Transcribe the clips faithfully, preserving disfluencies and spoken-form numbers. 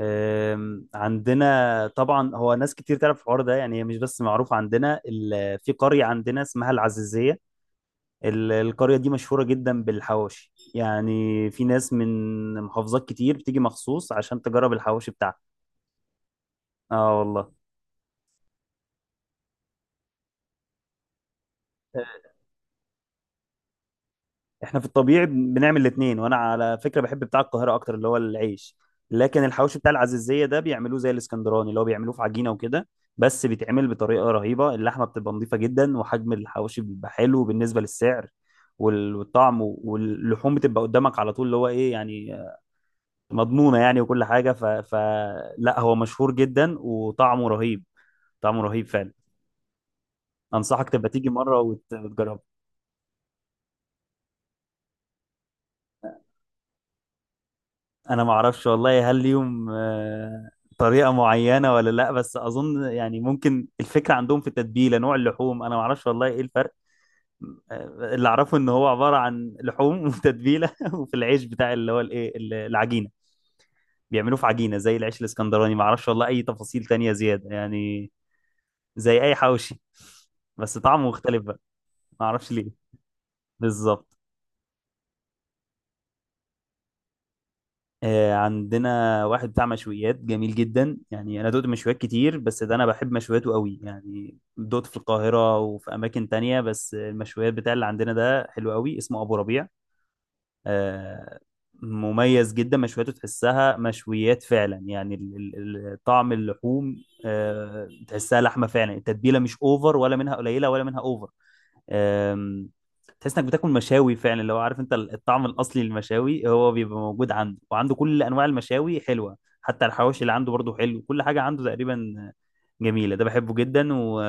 أم، عندنا طبعا هو ناس كتير تعرف الحوار ده يعني، هي مش بس معروف عندنا ال- في قرية عندنا اسمها العزيزية. ال- القرية دي مشهورة جدا بالحواوشي يعني، في ناس من محافظات كتير بتيجي مخصوص عشان تجرب الحواوشي بتاعها. اه والله. احنا في الطبيعي بنعمل الاثنين، وانا على فكره بحب بتاع القاهره اكتر اللي هو العيش، لكن الحواوشي بتاع العزيزيه ده بيعملوه زي الاسكندراني اللي هو بيعملوه في عجينه وكده. بس بيتعمل بطريقه رهيبه، اللحمه بتبقى نظيفه جدا، وحجم الحواوشي بيبقى حلو بالنسبه للسعر، وال- والطعم، واللحوم بتبقى قدامك على طول اللي هو ايه يعني، مضمونه يعني، وكل حاجه. ف... فلا، هو مشهور جدا وطعمه رهيب. طعمه رهيب فعلا. انصحك تبقى تيجي مره وت- وتجربه. انا ما اعرفش والله هل ليهم آه، طريقه معينه ولا لا، بس اظن يعني ممكن الفكره عندهم في التتبيله، نوع اللحوم، انا ما اعرفش والله ايه الفرق. آه، اللي اعرفه ان هو عباره عن لحوم وتتبيله، وفي العيش بتاع اللي هو الايه ال- العجينه، بيعملوه في عجينه زي العيش الاسكندراني. ما اعرفش والله اي تفاصيل تانية زياده يعني، زي اي حواوشي، بس طعمه مختلف بقى. ما اعرفش ليه. بالظبط. آه، عندنا واحد بتاع مشويات جميل جدا يعني، انا دقت مشويات كتير بس ده انا بحب مشوياته قوي يعني، دقت في القاهرة وفي اماكن تانية، بس المشويات بتاع اللي عندنا ده حلو قوي، اسمه ابو ربيع. آه. مميز جدا مشوياته، تحسها مشويات فعلا يعني، ال- ال- ال- طعم اللحوم، آه، تحسها لحمة فعلا، التتبيلة مش اوفر ولا منها قليلة ولا منها اوفر. أم، تحس انك بتاكل مشاوي فعلا، لو عارف انت الطعم الاصلي للمشاوي هو بيبقى موجود عنده، وعنده كل انواع المشاوي حلوه، حتى الحواوشي اللي عنده برضه حلو، كل حاجه عنده تقريبا جميله، ده بحبه جدا. و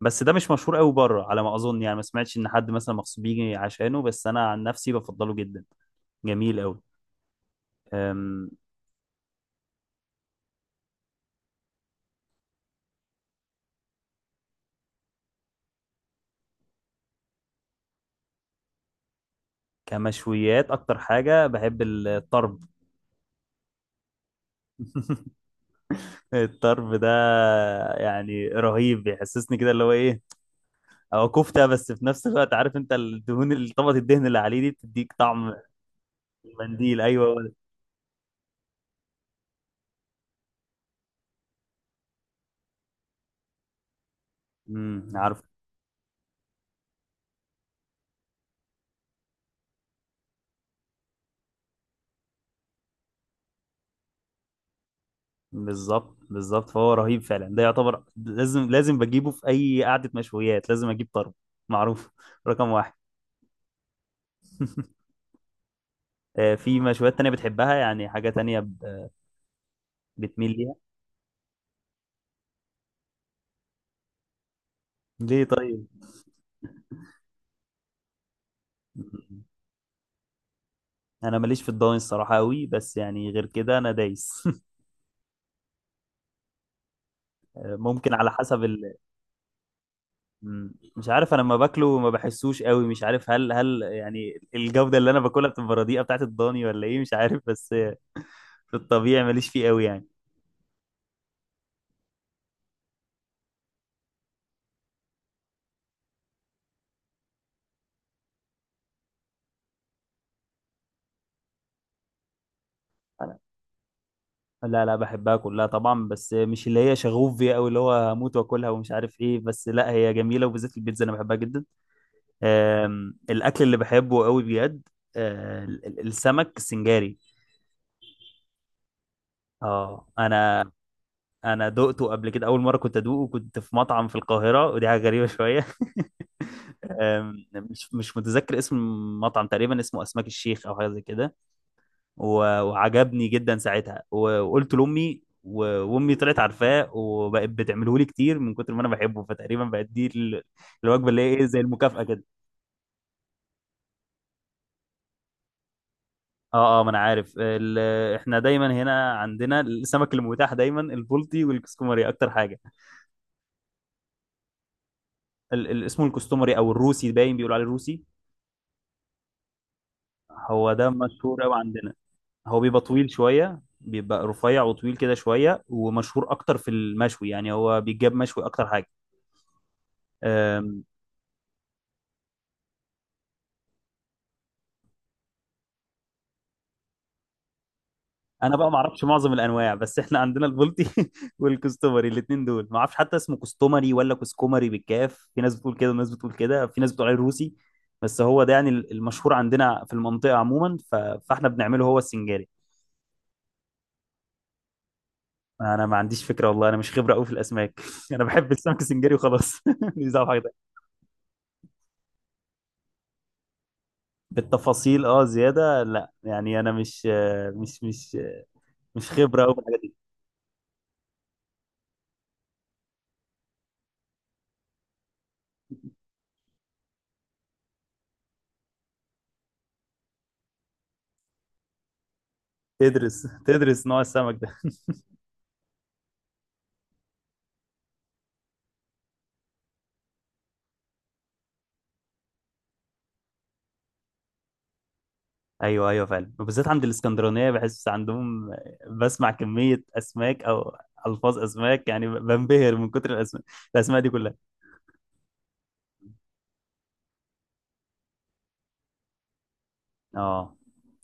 بس ده مش مشهور قوي بره على ما اظن يعني، ما سمعتش ان حد مثلا مخصوص بيجي عشانه، بس انا عن نفسي بفضله جدا، جميل قوي. أم، كمشويات اكتر حاجه بحب الطرب. الطرب ده يعني رهيب، بيحسسني كده اللي هو ايه، هو كفتة، بس في نفس الوقت عارف انت الدهون اللي طبقة الدهن اللي عليه دي بتديك طعم. المنديل، ايوه هو ده. امم، عارف. بالظبط بالظبط، فهو رهيب فعلا، ده يعتبر لازم، لازم بجيبه في اي قعدة مشويات، لازم اجيب طرب، معروف رقم واحد. آه، في مشويات تانية بتحبها يعني، حاجة تانية ب- بتميل ليها؟ ليه طيب؟ مم. انا ماليش في الضاني الصراحة قوي، بس يعني غير كده انا دايس. ممكن على حسب ال- مم. مش عارف، انا لما باكله ما بحسوش قوي، مش عارف هل هل يعني الجودة اللي انا باكلها بتبقى رديئة بتاعت الضاني ولا ايه، مش عارف. بس في الطبيعي ماليش فيه قوي يعني. أنا- لا لا، بحبها كلها طبعا، بس مش اللي هي شغوف بيها قوي اللي هو هموت واكلها ومش عارف ايه، بس لا هي جميلة، وبالذات البيتزا انا بحبها جدا. أم، الاكل اللي بحبه قوي بجد أه، ال- ال- السمك السنجاري. اه انا، انا دقته قبل كده، اول مره كنت ادوقه كنت في مطعم في القاهره، ودي حاجه غريبه شويه. أم، مش مش متذكر اسم المطعم، تقريبا اسمه اسماك الشيخ او حاجه زي كده، و- وعجبني جدا ساعتها، و- وقلت لامي، و- وامي طلعت عارفاه وبقت بتعمله لي كتير من كتر ما انا بحبه، فتقريبا بقت دي ال- الوجبه اللي هي ايه، زي المكافاه كده. اه اه، ما انا عارف ال- احنا دايما هنا عندنا السمك المتاح دايما البلطي والكسكومري اكتر حاجه. ال- ال- اسمه الكستومري او الروسي، باين بيقولوا عليه الروسي. هو ده مشهور قوي عندنا. هو بيبقى طويل شوية، بيبقى رفيع وطويل كده شوية، ومشهور أكتر في المشوي يعني، هو بيتجاب مشوي أكتر حاجة. أم، أنا بقى ما أعرفش معظم الأنواع، بس إحنا عندنا البلطي والكستومري، الاتنين دول ما أعرفش حتى اسمه كستومري ولا كسكومري بالكاف، في ناس بتقول كده وناس بتقول كده، في ناس بتقول عليه روسي، بس هو ده يعني المشهور عندنا في المنطقة عموما. ف... فإحنا بنعمله هو السنجاري. أنا ما عنديش فكرة والله، أنا مش خبرة قوي في الأسماك. أنا بحب السمك السنجاري وخلاص. مش دعوة بحاجة. بالتفاصيل اه زياده لا يعني، انا مش مش مش مش خبره قوي في الحاجات دي. تدرس تدرس نوع السمك ده. ايوه ايوه فعلا، وبالذات عند الاسكندرانيه بحس عندهم، بسمع كميه اسماك، او الفاظ اسماك يعني، بنبهر من كتر الاسماء، الاسماء دي كلها. اه.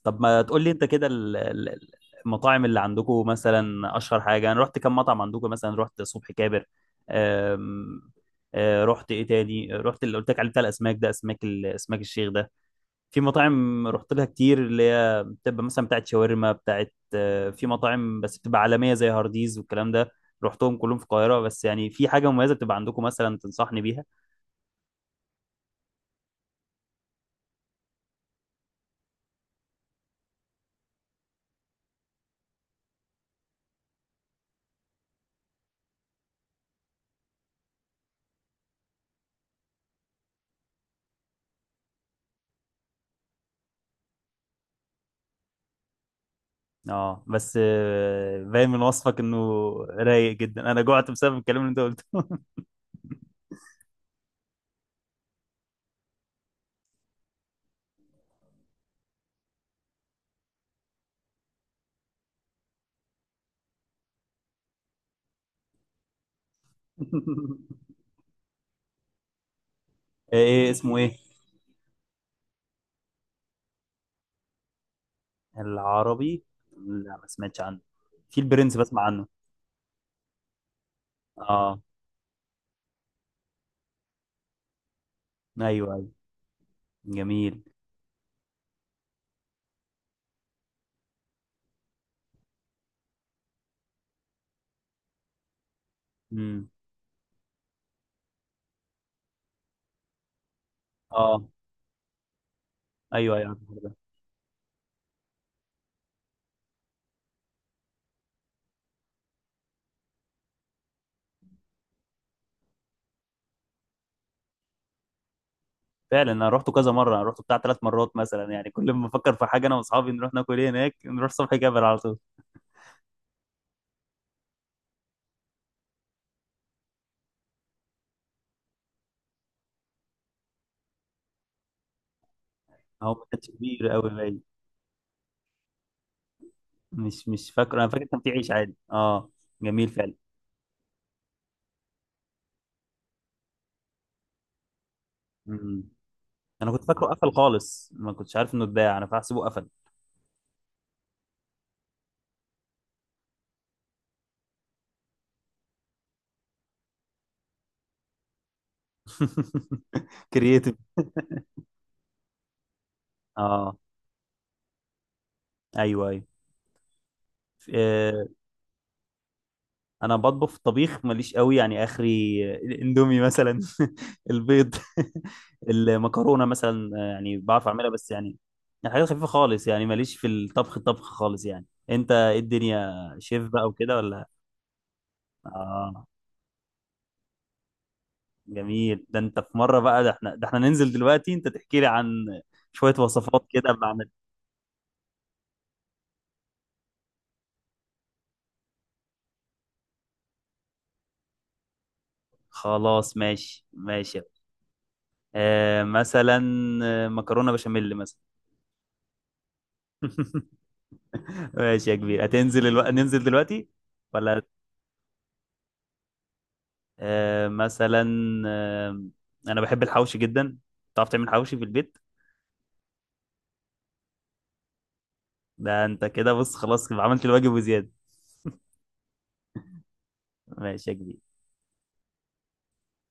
طب ما تقول لي انت كده ال- ال- ال- المطاعم اللي عندكم مثلا اشهر حاجه؟ انا رحت كم مطعم عندكم، مثلا رحت صبحي كابر. أم... آه، رحت ايه تاني؟ رحت اللي قلت لك عليه بتاع الاسماك ده، اسماك ال- اسماك الشيخ ده. في مطاعم رحت لها كتير اللي هي بتبقى مثلا بتاعت شاورما، بتاعت آه، في مطاعم بس بتبقى عالمية زي هارديز والكلام ده، رحتهم كلهم في القاهرة، بس يعني في حاجة مميزة بتبقى عندكم مثلا تنصحني بيها؟ اه بس آه، باين من وصفك انه رايق جدا، انا جوعت بسبب الكلام اللي انت قلته. آه، ايه اسمه ايه؟ العربي. لا ما سمعتش عنه، في البرنس بسمع عنه. اه. ايوه ايوه. جميل. امم. اه ايوه ايوه فعلا، انا رحته كذا مره، انا رحته بتاع تلات مرات مثلا يعني، كل ما افكر في حاجه انا واصحابي نروح ناكل ايه هناك، نروح صبحي جبل على طول. هو ما كانش كبير قوي باين، مش مش فاكره، انا فاكر كان في عيش عادي اه. جميل فعلا. امم. انا كنت فاكره قفل خالص، ما كنتش عارف انه اتباع، انا فاحسبه قفل. كرييتيف. اه. ايوه ايوه. آه، انا بطبخ، في الطبيخ ماليش قوي يعني، اخري الاندومي مثلا، البيض، المكرونه مثلا يعني بعرف اعملها، بس يعني، يعني حاجات خفيفه خالص يعني، ماليش في الطبخ، الطبخ خالص يعني. انت ايه الدنيا، شيف بقى وكده ولا؟ اه جميل، ده انت في مره بقى، ده احنا، ده احنا ننزل دلوقتي انت تحكي لي عن شويه وصفات كده بعمل. خلاص ماشي ماشي. آه مثلا آه، مكرونه بشاميل مثلا. ماشي يا كبير، هتنزل الو... ننزل دلوقتي ولا؟ آه، مثلا آه، انا بحب الحوشي جدا، تعرف تعمل حوشي في البيت؟ ده انت كده بص، خلاص يبقى عملت الواجب وزياده. ماشي يا كبير.